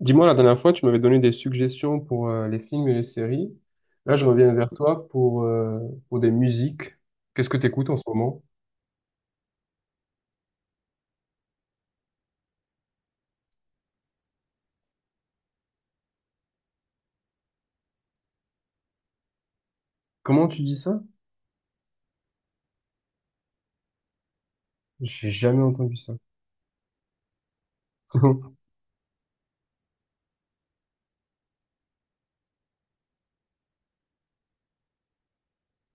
Dis-moi, la dernière fois, tu m'avais donné des suggestions pour les films et les séries. Là, je reviens vers toi pour des musiques. Qu'est-ce que tu écoutes en ce moment? Comment tu dis ça? J'ai jamais entendu ça.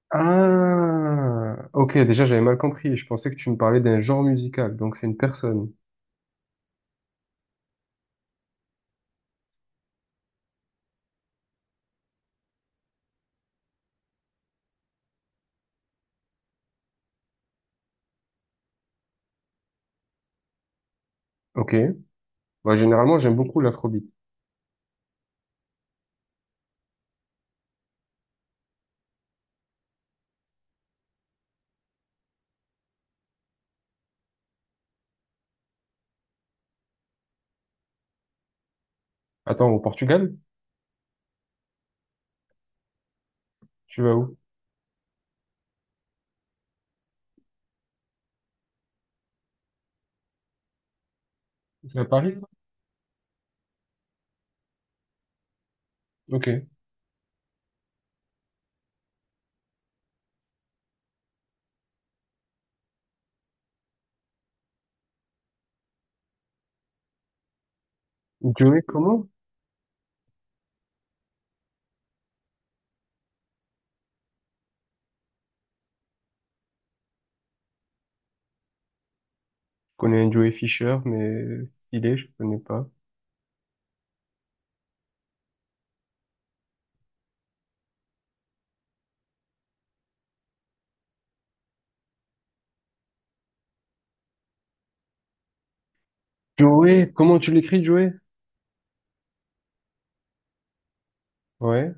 Ah, ok, déjà, j'avais mal compris. Je pensais que tu me parlais d'un genre musical, donc c'est une personne. Ok. Bah, généralement, j'aime beaucoup l'afrobeat. Attends, au Portugal? Tu vas où? C'est à Paris, ça? Ok. Joey, comment? Je connais un Joey Fisher, mais Stylé, je connais pas. Joey, comment tu l'écris, Joey? Ouais.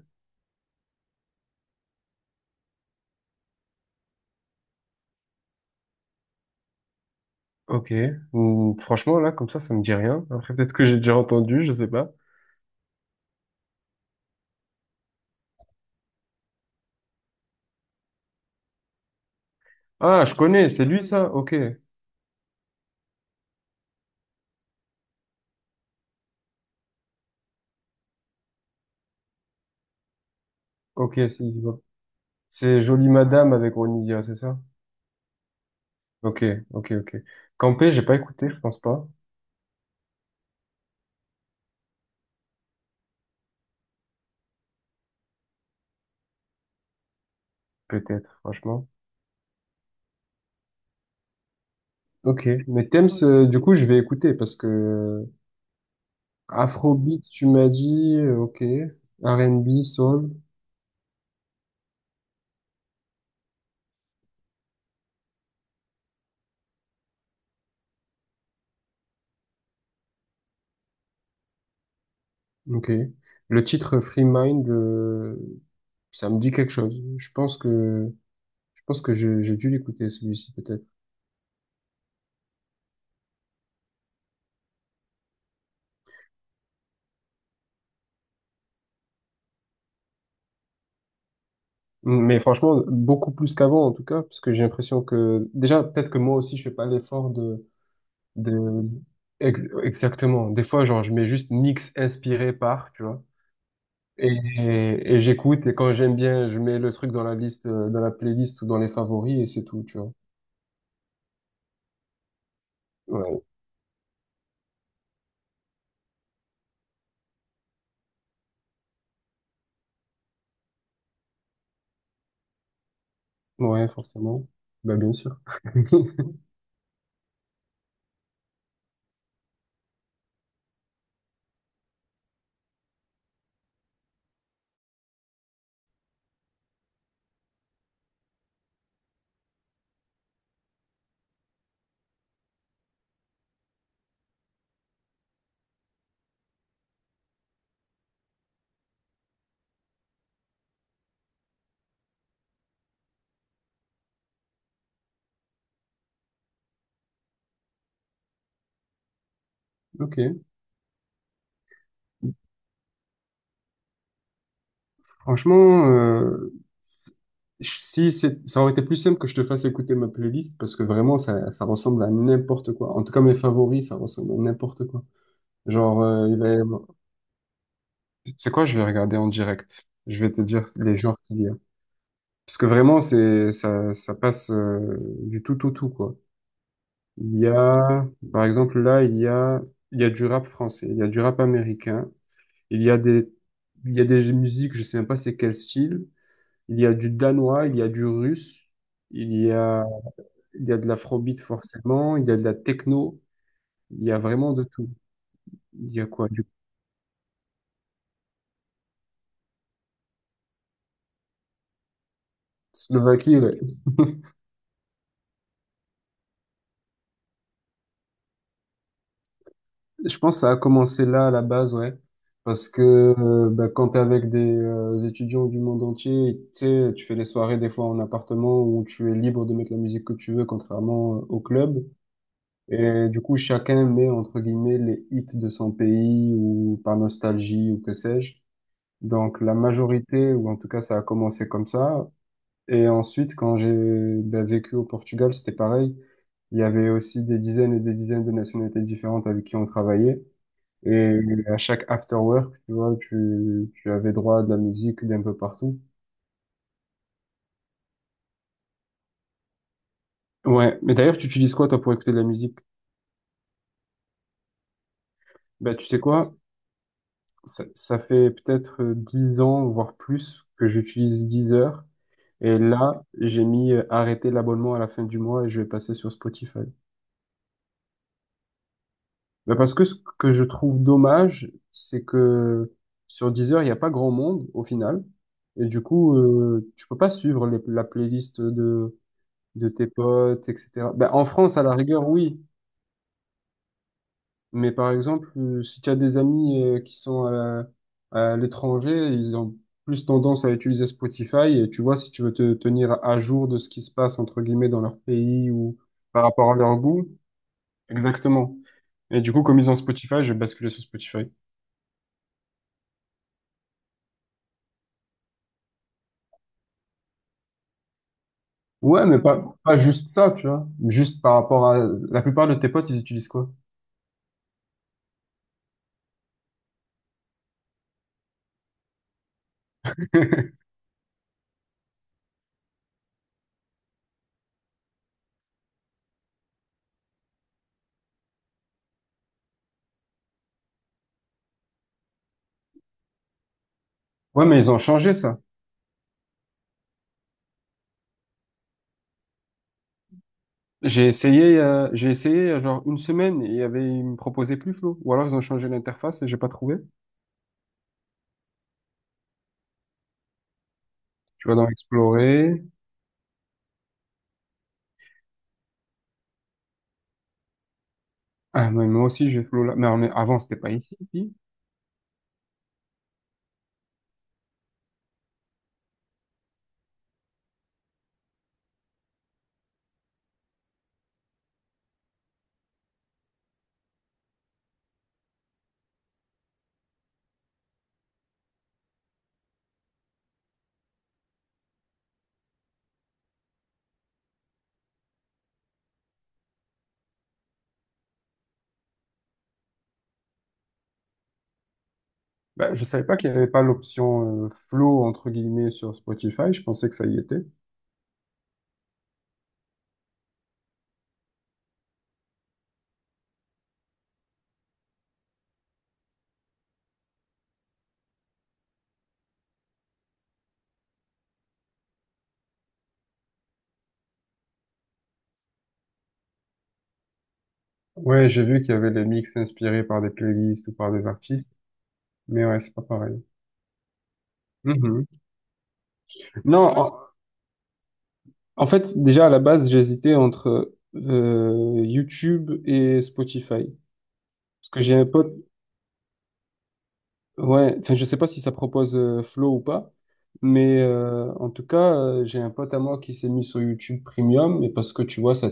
Ok. Ou franchement, là, comme ça me dit rien. Après, peut-être que j'ai déjà entendu, je sais pas. Ah, je connais, c'est lui, ça? Ok. Ok, si, je vois. C'est Jolie Madame avec Ronny Dia, c'est ça? Ok, ok, ok. Campé, j'ai pas écouté, je pense pas. Peut-être, franchement. Ok. Mais Thames, du coup, je vais écouter parce que. Afrobeat, tu m'as dit, ok. R&B, Soul, ok. Le titre Free Mind, ça me dit quelque chose. Je pense que j'ai dû l'écouter, celui-ci, peut-être. Mais franchement, beaucoup plus qu'avant en tout cas, parce que j'ai l'impression que déjà peut-être que moi aussi je fais pas l'effort de exactement. Des fois, genre je mets juste mix inspiré par, tu vois, et j'écoute et quand j'aime bien, je mets le truc dans la liste, dans la playlist ou dans les favoris et c'est tout, tu vois. Ouais, ouais, forcément. Bah bien sûr. Ok. Franchement, Si c'est, ça aurait été plus simple que je te fasse écouter ma playlist parce que vraiment ça, ça ressemble à n'importe quoi. En tout cas mes favoris ça ressemble à n'importe quoi. Genre il va y avoir- Tu sais quoi, je vais regarder en direct. Je vais te dire les genres qu'il y a. Parce que vraiment c'est ça, ça passe du tout au tout quoi. Il y a par exemple là il y a du rap français, il y a du rap américain, il y a des il y a des musiques je sais même pas c'est quel style. Il y a du danois, il y a du russe, il y a Il y a de l'afrobeat forcément, il y a de la techno, il y a vraiment de tout. Il y a quoi? Du Slovaquie, ouais. Je pense que ça a commencé là à la base, ouais. Parce que bah, quand t'es avec des étudiants du monde entier, tu sais, tu fais les soirées des fois en appartement où tu es libre de mettre la musique que tu veux, contrairement au club. Et du coup, chacun met entre guillemets les hits de son pays ou par nostalgie ou que sais-je. Donc la majorité, ou en tout cas ça a commencé comme ça. Et ensuite, quand j'ai bah, vécu au Portugal, c'était pareil. Il y avait aussi des dizaines et des dizaines de nationalités différentes avec qui on travaillait. Et à chaque after work, tu vois, tu avais droit à de la musique d'un peu partout. Ouais, mais d'ailleurs, tu utilises quoi, toi, pour écouter de la musique? Bah, tu sais quoi? Ça fait peut-être 10 ans, voire plus, que j'utilise Deezer. Et là, j'ai mis arrêter l'abonnement à la fin du mois et je vais passer sur Spotify. Ben parce que ce que je trouve dommage, c'est que sur Deezer, il n'y a pas grand monde au final. Et du coup, tu peux pas suivre la playlist de tes potes, etc. Ben, en France, à la rigueur, oui. Mais par exemple, si tu as des amis qui sont à l'étranger, ils ont plus tendance à utiliser Spotify. Et tu vois, si tu veux te tenir à jour de ce qui se passe, entre guillemets, dans leur pays ou par rapport à leur goût. Exactement. Et du coup, comme ils ont Spotify, je vais basculer sur Spotify. Ouais, mais pas juste ça, tu vois. Juste par rapport à... La plupart de tes potes, ils utilisent quoi? Ouais, mais ils ont changé ça. J'ai essayé genre une semaine et il y avait, ils me proposaient plus Flow. Ou alors ils ont changé l'interface et j'ai pas trouvé. Tu vas dans Explorer. Ah, mais moi aussi j'ai Flow là. Mais on est- avant c'était pas ici. Puis, bah, je savais pas qu'il y avait pas l'option Flow entre guillemets sur Spotify. Je pensais que ça y était. Ouais, j'ai vu qu'il y avait des mix inspirés par des playlists ou par des artistes, mais ouais, c'est pas pareil. Mhm. Non, en fait, déjà à la base, j'hésitais entre YouTube et Spotify. Parce que j'ai un pote, ouais, enfin, je sais pas si ça propose Flow ou pas, mais en tout cas, j'ai un pote à moi qui s'est mis sur YouTube Premium, et parce que tu vois, ça,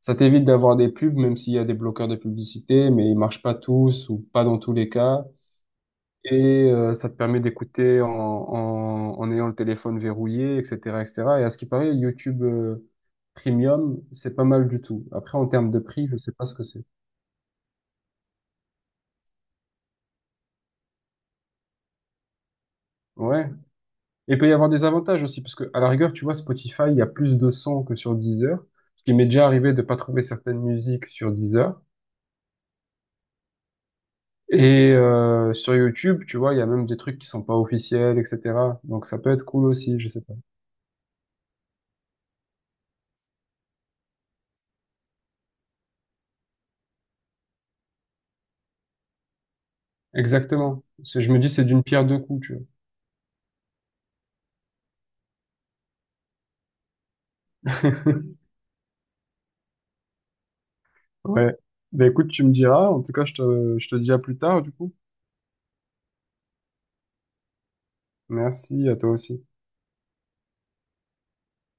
ça t'évite d'avoir des pubs, même s'il y a des bloqueurs de publicité, mais ils marchent pas tous ou pas dans tous les cas. Et ça te permet d'écouter en ayant le téléphone verrouillé, etc., etc. Et cetera. Et à ce qui paraît, YouTube Premium, c'est pas mal du tout. Après, en termes de prix, je sais pas ce que c'est. Ouais. Et il peut y avoir des avantages aussi, parce que à la rigueur, tu vois, Spotify, il y a plus de sons que sur Deezer, ce qui m'est déjà arrivé de pas trouver certaines musiques sur Deezer. Et sur YouTube, tu vois, il y a même des trucs qui sont pas officiels, etc. Donc ça peut être cool aussi, je sais pas. Exactement. C'est- Je me dis, c'est d'une pierre deux coups, tu vois. Ouais. Ben écoute, tu me diras. En tout cas, je te dis à plus tard, du coup. Merci à toi aussi.